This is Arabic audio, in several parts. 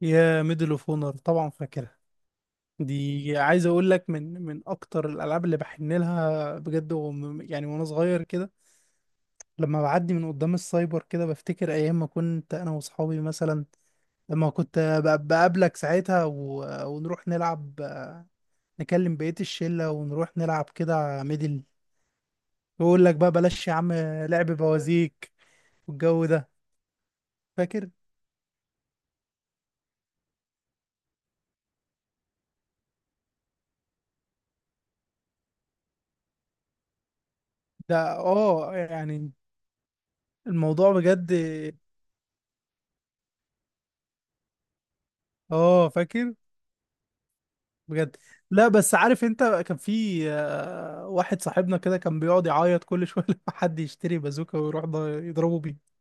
يا ميدل اوف اونر طبعا فاكرها. دي عايز اقول لك من اكتر الالعاب اللي بحن لها بجد، يعني وانا صغير كده، لما بعدي من قدام السايبر كده بفتكر ايام ما كنت انا واصحابي مثلا، لما كنت بقابلك ساعتها ونروح نلعب، نكلم بقية الشلة ونروح نلعب كده ميدل. يقول لك بقى بلاش يا عم، لعب بوازيك والجو ده. فاكر. ده اه يعني الموضوع بجد. اه فاكر بجد. لا بس عارف انت، كان في واحد صاحبنا كده كان بيقعد يعيط كل شويه لما حد يشتري بازوكا ويروح ده يضربه بيه.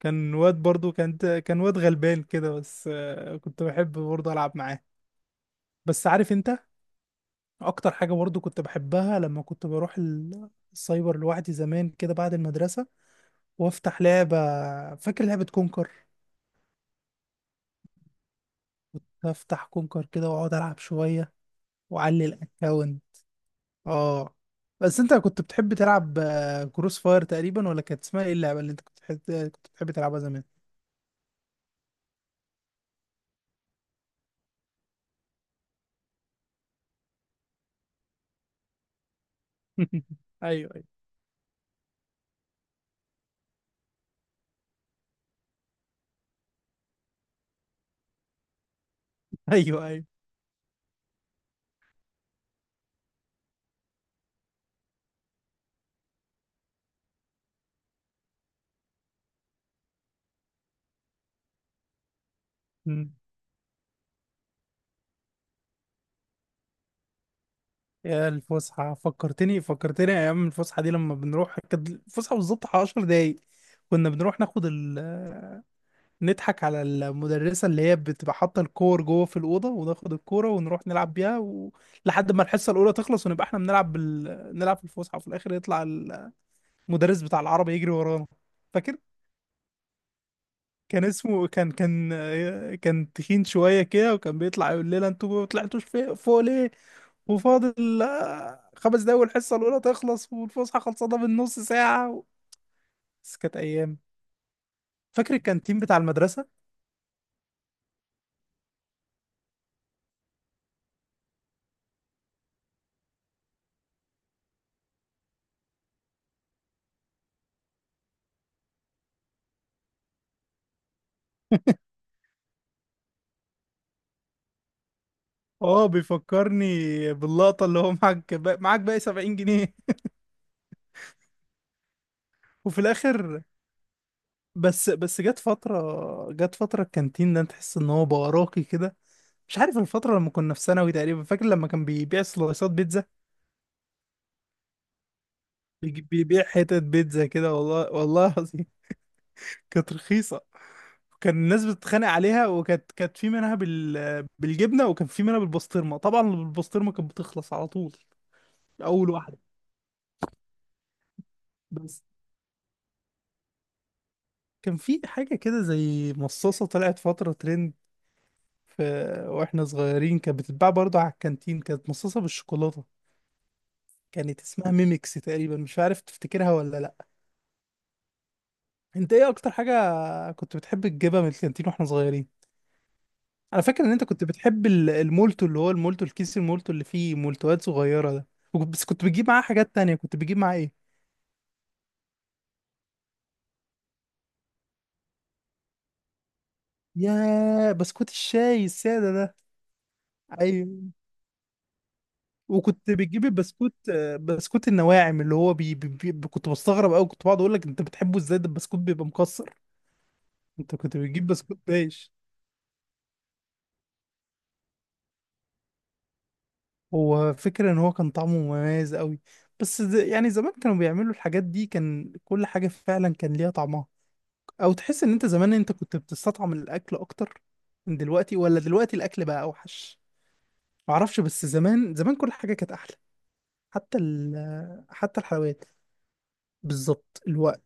كان واد برضو، كان واد غلبان كده، بس كنت بحب برضو العب معاه. بس عارف انت، اكتر حاجه برضو كنت بحبها لما كنت بروح السايبر لوحدي زمان كده بعد المدرسه، وافتح لعبه. فاكر لعبه كونكر؟ افتح كونكر كده واقعد العب شويه واعلي الاكونت. اه. بس انت كنت بتحب تلعب كروس فاير تقريبا، ولا كانت اسمها ايه اللعبه اللي انت كنت بتحب تلعبها زمان؟ ايوه، ايوه، ايوه، ايوه. مم. يا الفسحه، فكرتني ايام الفسحه دي. لما بنروح، كانت الفسحه بالظبط على 10 دقايق، كنا بنروح ناخد نضحك على المدرسه اللي هي بتبقى حاطه الكور جوه في الاوضه، وناخد الكوره ونروح نلعب بيها لحد ما الحصه الاولى تخلص، ونبقى احنا بنلعب نلعب في الفسحه، وفي الاخر يطلع المدرس بتاع العربي يجري ورانا. فاكر؟ كان اسمه، كان تخين شوية كده، وكان بيطلع يقول لنا انتوا ما طلعتوش فوق ليه. وفاضل 5 دقايق والحصة الأولى تخلص والفسحة خلصانة من نص ساعة. بس كانت أيام. فاكر الكانتين بتاع المدرسة؟ اه، بيفكرني باللقطة اللي هو معاك، معاك باقي 70 جنيه. وفي الآخر، بس جت فترة الكانتين ده تحس إن هو بقى راقي كده. مش عارف الفترة لما كنا في ثانوي تقريبا. فاكر لما كان بيبيع سلايسات بيتزا؟ بيبيع حتت بيتزا كده، والله والله العظيم كانت رخيصة. كان الناس بتتخانق عليها، وكانت كانت في منها بالجبنة، وكان في منها بالبسطرمة. طبعا بالبسطرمة كانت بتخلص على طول، أول واحدة. بس كان في حاجة كده زي مصاصة طلعت فترة ترند، في... واحنا صغيرين كانت بتتباع برضه على الكانتين، كانت مصاصة بالشوكولاتة، كانت اسمها ميمكس تقريبا. مش عارف تفتكرها ولا لأ. انت ايه اكتر حاجة كنت بتحب تجيبها من الكانتين واحنا صغيرين؟ انا فاكر ان انت كنت بتحب المولتو، اللي هو المولتو الكيس، المولتو اللي فيه مولتوات صغيره ده. بس كنت بتجيب معاه حاجات تانية، كنت بتجيب معاه ايه؟ يا بسكوت الشاي الساده ده! ايوه. وكنت بتجيب البسكوت، بسكوت النواعم اللي هو BBB. كنت بستغرب قوي، كنت بقعد اقول لك انت بتحبه ازاي، ده البسكوت بيبقى مكسر. انت كنت بتجيب بسكوت بايش، هو فكرة ان هو كان طعمه مميز قوي. بس يعني زمان كانوا بيعملوا الحاجات دي، كان كل حاجه فعلا كان ليها طعمها. او تحس ان انت زمان انت كنت بتستطعم الاكل اكتر من دلوقتي، ولا دلوقتي الاكل بقى اوحش؟ معرفش، بس زمان زمان كل حاجه كانت احلى. حتى ال حتى الحلويات بالظبط الوقت.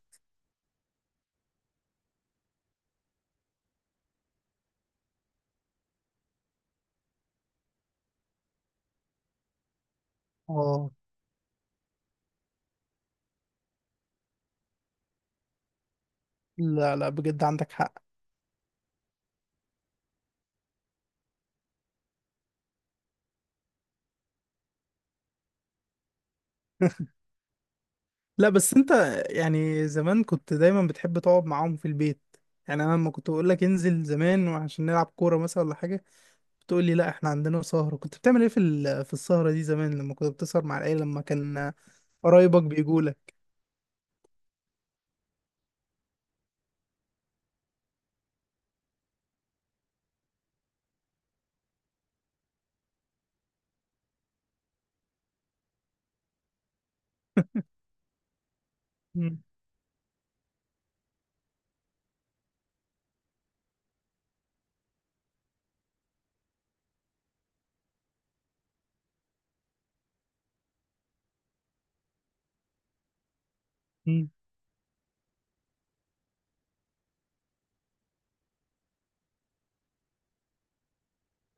اه، لا لا، بجد عندك حق. لا بس انت، يعني زمان كنت دايما بتحب تقعد معاهم في البيت. يعني انا لما كنت اقول لك انزل زمان وعشان نلعب كوره مثلا ولا حاجه، بتقول لي لا احنا عندنا سهره. كنت بتعمل ايه في السهره دي زمان، لما كنت بتسهر مع العيله، لما كان قرايبك بيجوا لك؟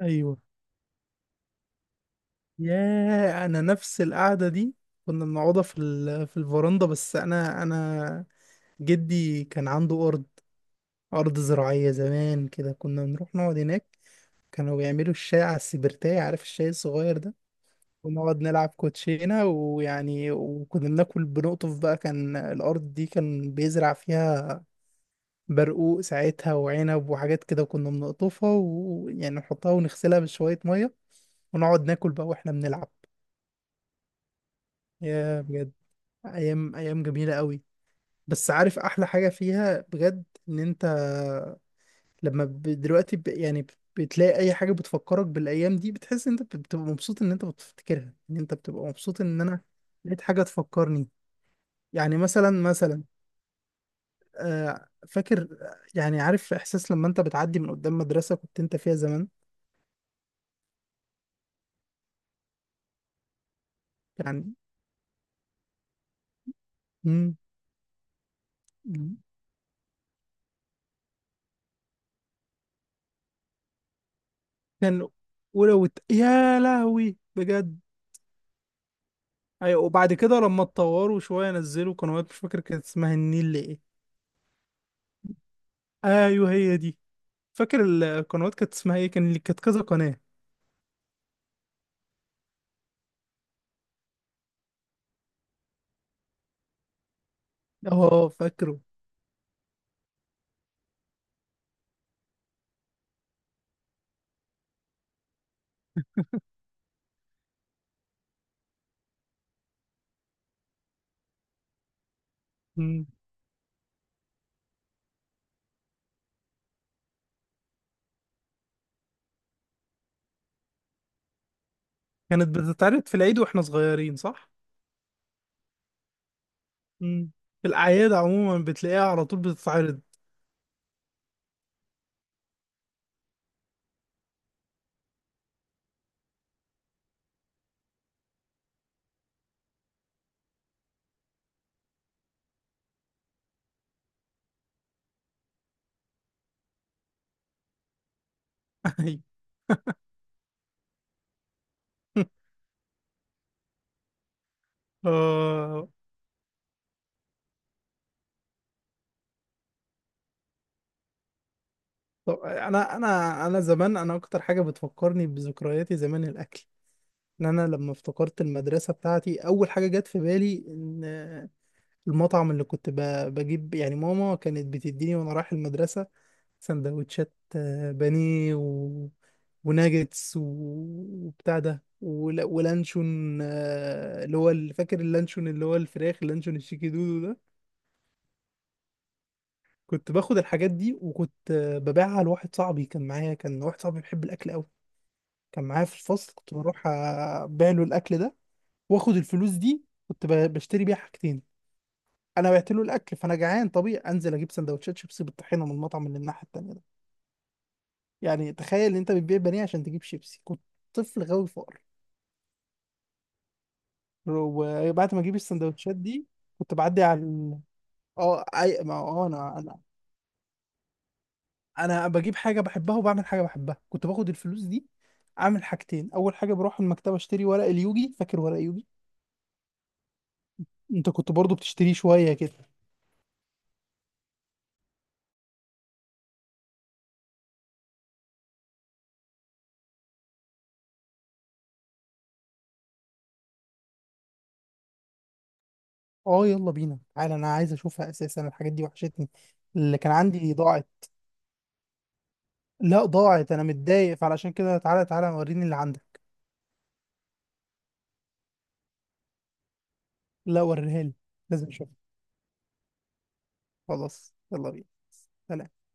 ايوه. ياه، انا نفس القعده دي كنا بنقعدها في الفرندا، بس انا جدي كان عنده ارض زراعيه زمان كده، كنا بنروح نقعد هناك. كانوا بيعملوا الشاي على السبرتاية، عارف الشاي الصغير ده. ونقعد نلعب كوتشينه ويعني، وكنا بناكل بنقطف بقى، كان الارض دي كان بيزرع فيها برقوق ساعتها وعنب وحاجات كده، كنا بنقطفها ويعني نحطها ونغسلها بشويه ميه، ونقعد ناكل بقى واحنا بنلعب. يا بجد، ايام ايام جميله قوي! بس عارف احلى حاجه فيها بجد، ان انت لما ب- دلوقتي ب... يعني ب- بتلاقي اي حاجه بتفكرك بالايام دي، بتحس ان انت بتبقى مبسوط ان انت بتفتكرها، ان انت بتبقى مبسوط ان انا لقيت حاجه تفكرني. يعني مثلا، فاكر، يعني عارف احساس لما انت بتعدي من قدام مدرسه كنت انت فيها زمان؟ يعني. مم، مم. كان، ولو يا لهوي بجد. ايوه، وبعد كده لما اتطوروا شويه نزلوا قنوات، مش فاكر كانت اسمها النيل ايه. ايوه هي دي. فاكر القنوات كانت اسمها ايه، كان اللي كانت كذا قناه؟ اه فاكره. مم. كانت بتتعرض في العيد واحنا صغيرين، صح؟ مم. في الاعياد عموما بتلاقيها على طول بتتعرض. ايوه اه. طب انا زمان، اكتر حاجه بتفكرني بذكرياتي زمان الاكل. ان انا لما افتكرت المدرسه بتاعتي، اول حاجه جت في بالي ان المطعم اللي كنت بجيب، يعني ماما كانت بتديني وانا رايح المدرسة سندوتشات، بانيه وناجتس وبتاع ده، ولانشون، اللي هو فاكر اللانشون اللي هو الفراخ، اللانشون الشيكي دودو ده. كنت باخد الحاجات دي وكنت ببيعها لواحد صاحبي كان معايا، كان واحد صاحبي بيحب الاكل قوي، كان معايا في الفصل، كنت بروح ابيع له الاكل ده. واخد الفلوس دي كنت بشتري بيها حاجتين. انا بعت له الاكل فانا جعان طبيعي انزل اجيب سندوتشات شيبسي بالطحينه من المطعم اللي الناحيه التانيه ده. يعني تخيل ان انت بتبيع بانيه عشان تجيب شيبسي. كنت طفل غاوي فقر. وبعد ما اجيب السندوتشات دي كنت بعدي على اي ما هو انا، انا بجيب حاجه بحبها وبعمل حاجه بحبها. كنت باخد الفلوس دي اعمل حاجتين. اول حاجه بروح المكتبه اشتري ورق اليوجي، فاكر ورق اليوجي؟ انت كنت برضو بتشتريه شويه كده. اه، يلا بينا تعالى، انا عايز اشوفها اساسا، الحاجات دي وحشتني، اللي كان عندي ضاعت. لا ضاعت، انا متضايق، فعلشان كده تعالى تعالى وريني اللي عندك. لا وريها لي، لازم اشوفها. خلاص يلا بينا. سلام.